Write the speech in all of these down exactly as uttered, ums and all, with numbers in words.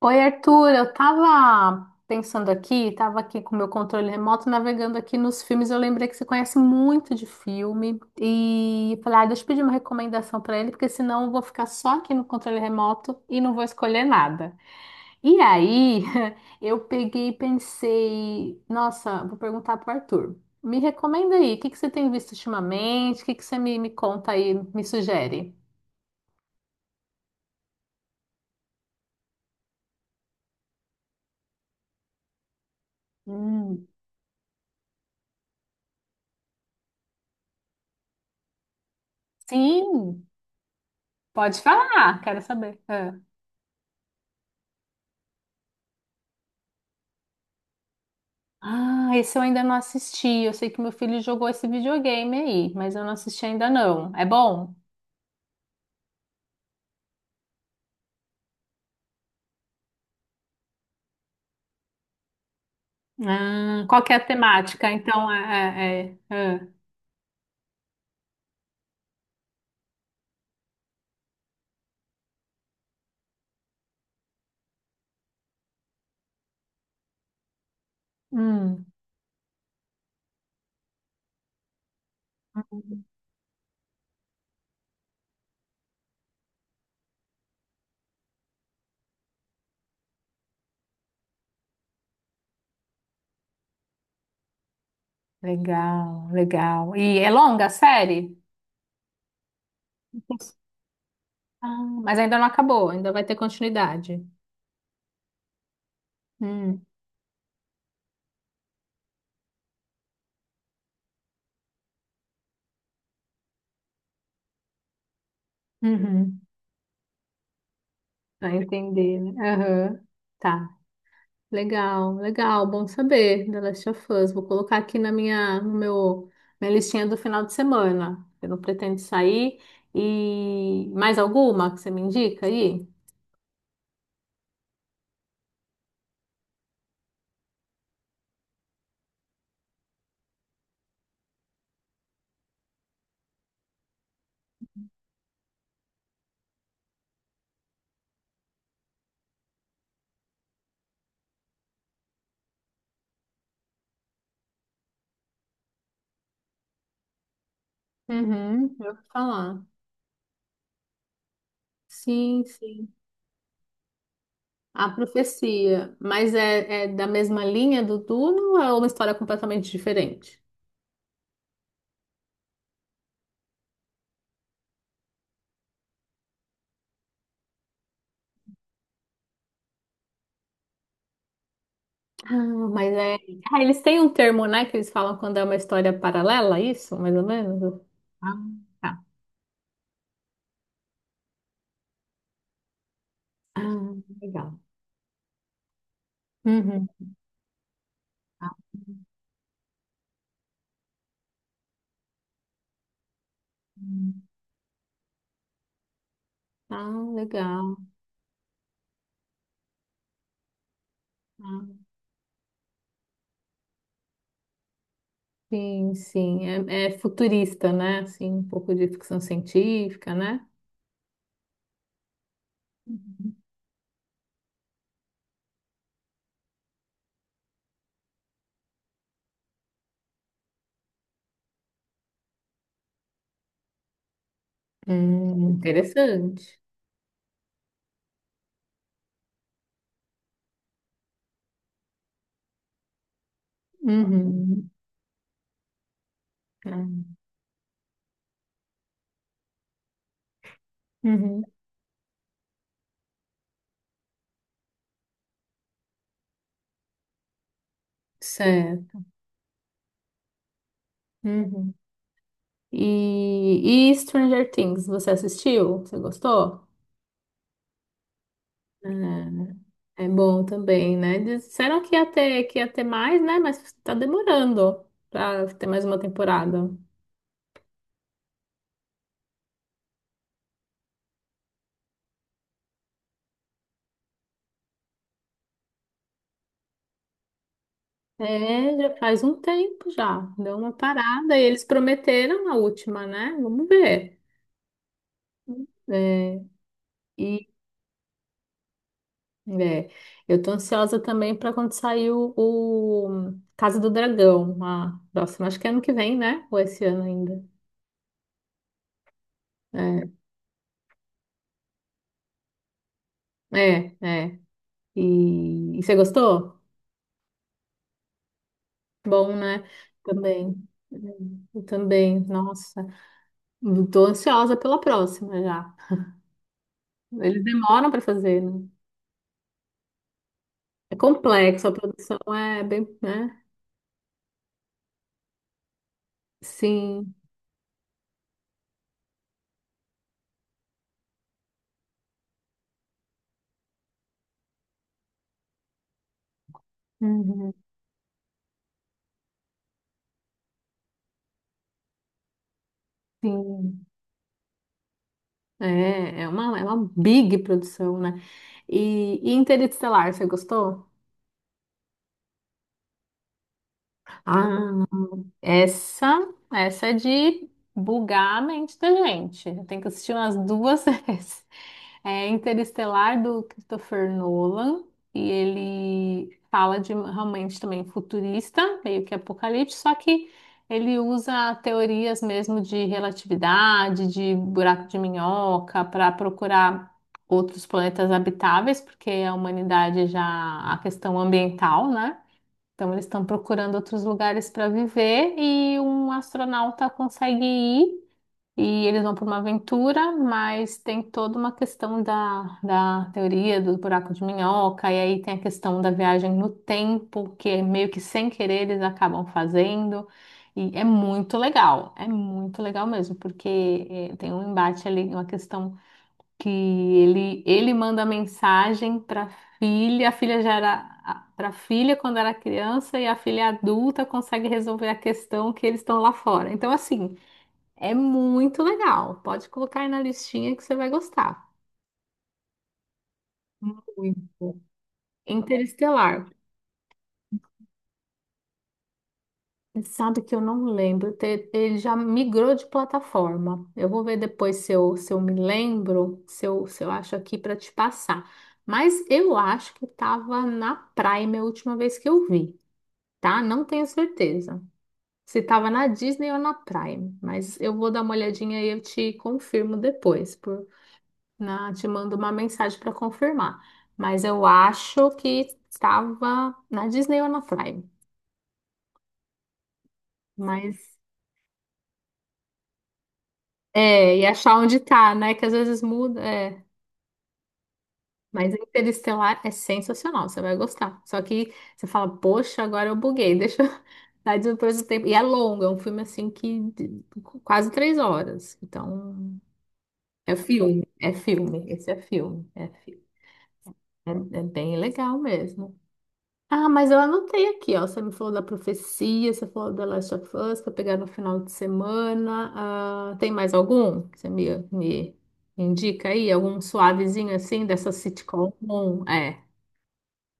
Oi, Arthur, eu tava pensando aqui, tava aqui com o meu controle remoto navegando aqui nos filmes, eu lembrei que você conhece muito de filme e falei, ah, deixa eu pedir uma recomendação pra ele, porque senão eu vou ficar só aqui no controle remoto e não vou escolher nada. E aí, eu peguei e pensei, nossa, vou perguntar pro Arthur. Me recomenda aí, o que que você tem visto ultimamente? O que que você me, me conta aí, me sugere? Hum, sim, pode falar, quero saber. Ah, esse eu ainda não assisti. Eu sei que meu filho jogou esse videogame aí, mas eu não assisti ainda não. É bom? Ah, qual que é a temática? Então, é, é- é- é. Hum, legal, legal. E é longa a série? Ah, mas ainda não acabou, ainda vai ter continuidade. Hum, uhum. Pra entender, né? Aham, tá. Legal, legal, bom saber, The Last of Us. Vou colocar aqui na minha, no meu, minha listinha do final de semana. Eu não pretendo sair. E mais alguma que você me indica aí? Uhum, eu vou falar. Sim, sim. A profecia. Mas é, é da mesma linha do Duna ou é uma história completamente diferente? Ah, mas é. Ah, eles têm um termo, né, que eles falam quando é uma história paralela, isso, mais ou menos? Ah, tá. Ah, legal. Uhum. Hum. Ah, legal. Ah, sim, sim. É, é futurista, né? Assim, um pouco de ficção científica, né? Uhum. Hum, interessante. Uhum. Ah, uhum. Certo. Uhum. E, e Stranger Things, você assistiu? Você gostou? É, é bom também, né? Disseram que ia ter, que ia ter mais, né? Mas tá demorando pra ter mais uma temporada. É, já faz um tempo já. Deu uma parada e eles prometeram a última, né? Vamos ver. É, e é, eu tô ansiosa também para quando sair o, o Casa do Dragão, a próxima, acho que é ano que vem, né? Ou esse ano ainda. É, é, é. E, e você gostou? Bom, né? Também. É, eu também, nossa. Tô ansiosa pela próxima já. Eles demoram para fazer, né? É complexo, a produção é bem, né? Sim, uhum, sim. É, é uma, é uma big produção, né? E, e Interestelar, você gostou? Ah, Essa, essa é de bugar a mente da gente. Eu tenho que assistir umas duas vezes. É Interestelar do Christopher Nolan e ele fala de realmente também futurista, meio que apocalipse, só que ele usa teorias mesmo de relatividade, de buraco de minhoca para procurar outros planetas habitáveis, porque a humanidade é já a questão ambiental, né? Então, eles estão procurando outros lugares para viver e um astronauta consegue ir e eles vão para uma aventura, mas tem toda uma questão da, da teoria do buraco de minhoca, e aí tem a questão da viagem no tempo, que é meio que sem querer eles acabam fazendo. E é muito legal, é muito legal mesmo, porque eh, tem um embate ali, uma questão que ele, ele manda mensagem para filha, a filha já era para filha quando era criança e a filha adulta consegue resolver a questão que eles estão lá fora. Então, assim, é muito legal. Pode colocar aí na listinha que você vai gostar. Muito. Interestelar. Sabe que eu não lembro. te- Ele já migrou de plataforma. Eu vou ver depois se eu, se eu me lembro, se eu, se eu acho aqui para te passar. Mas eu acho que estava na Prime a última vez que eu vi, tá? Não tenho certeza. Se tava na Disney ou na Prime, mas eu vou dar uma olhadinha e eu te confirmo depois, por na te mando uma mensagem para confirmar. Mas eu acho que estava na Disney ou na Prime. Mas é, e achar onde tá, né? Que às vezes muda, é. Mas Interestelar é sensacional, você vai gostar. Só que você fala, poxa, agora eu buguei, deixa eu dar depois do tempo. E é longo, é um filme assim que de- quase três horas. Então é filme, é filme, esse é filme, é filme. É, é bem legal mesmo. Ah, mas eu anotei aqui, ó. Você me falou da profecia, você falou da Last of Us para pegar no final de semana. Ah, tem mais algum que você me, me indica aí? Algum suavezinho assim dessa sitcom? Bom, é,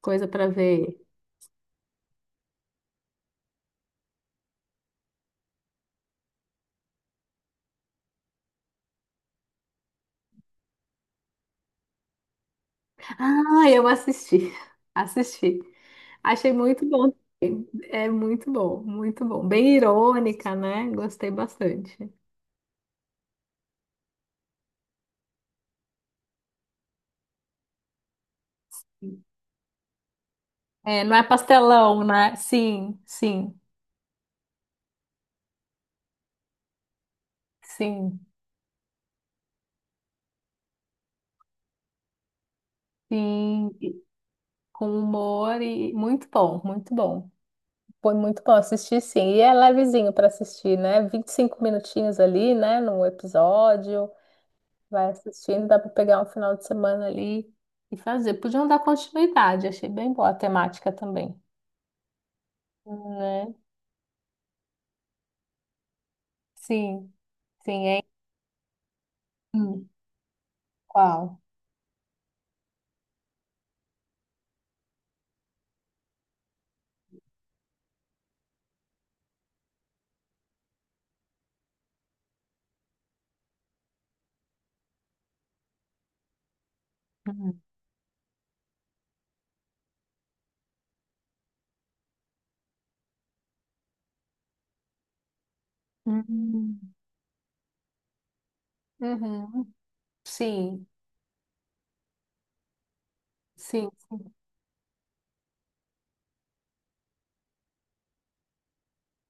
coisa para ver. Ah, eu assisti, assisti. Achei muito bom. É muito bom, muito bom. Bem irônica, né? Gostei bastante. É, não é pastelão, né? Sim, sim, sim, sim. E com humor e muito bom, muito bom. Foi muito bom assistir, sim. E é levezinho para assistir, né? Vinte e cinco minutinhos ali, né? Num episódio. Vai assistindo, dá para pegar um final de semana ali e fazer. Podiam dar continuidade, achei bem boa a temática também, né? Sim, sim, é. Hum, qual? Hum. Uhum. Uhum. Sim, sim.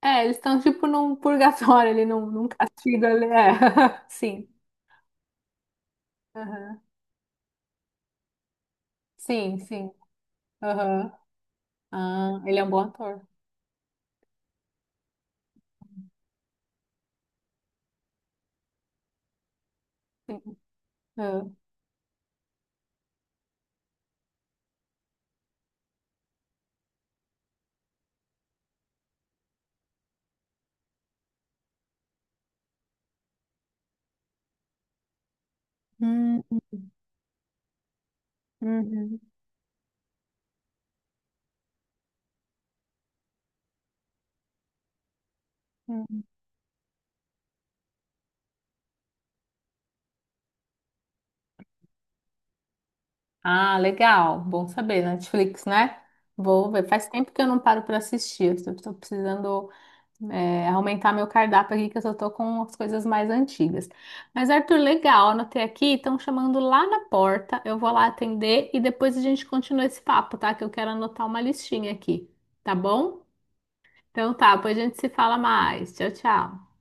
É, eles estão tipo num purgatório ali, num, num castigo ali. É, sim. Aham. Sim, sim. Aham. Ah, ele é um bom ator. Sim. Ah. Hum, uhum, uhum. Ah, legal. Bom saber, Netflix, né? Vou ver. Faz tempo que eu não paro para assistir. Estou precisando. É, aumentar meu cardápio aqui, que eu só tô com as coisas mais antigas. Mas, Arthur, legal, anotei aqui, estão chamando lá na porta, eu vou lá atender e depois a gente continua esse papo, tá? Que eu quero anotar uma listinha aqui, tá bom? Então tá, depois a gente se fala mais. Tchau, tchau.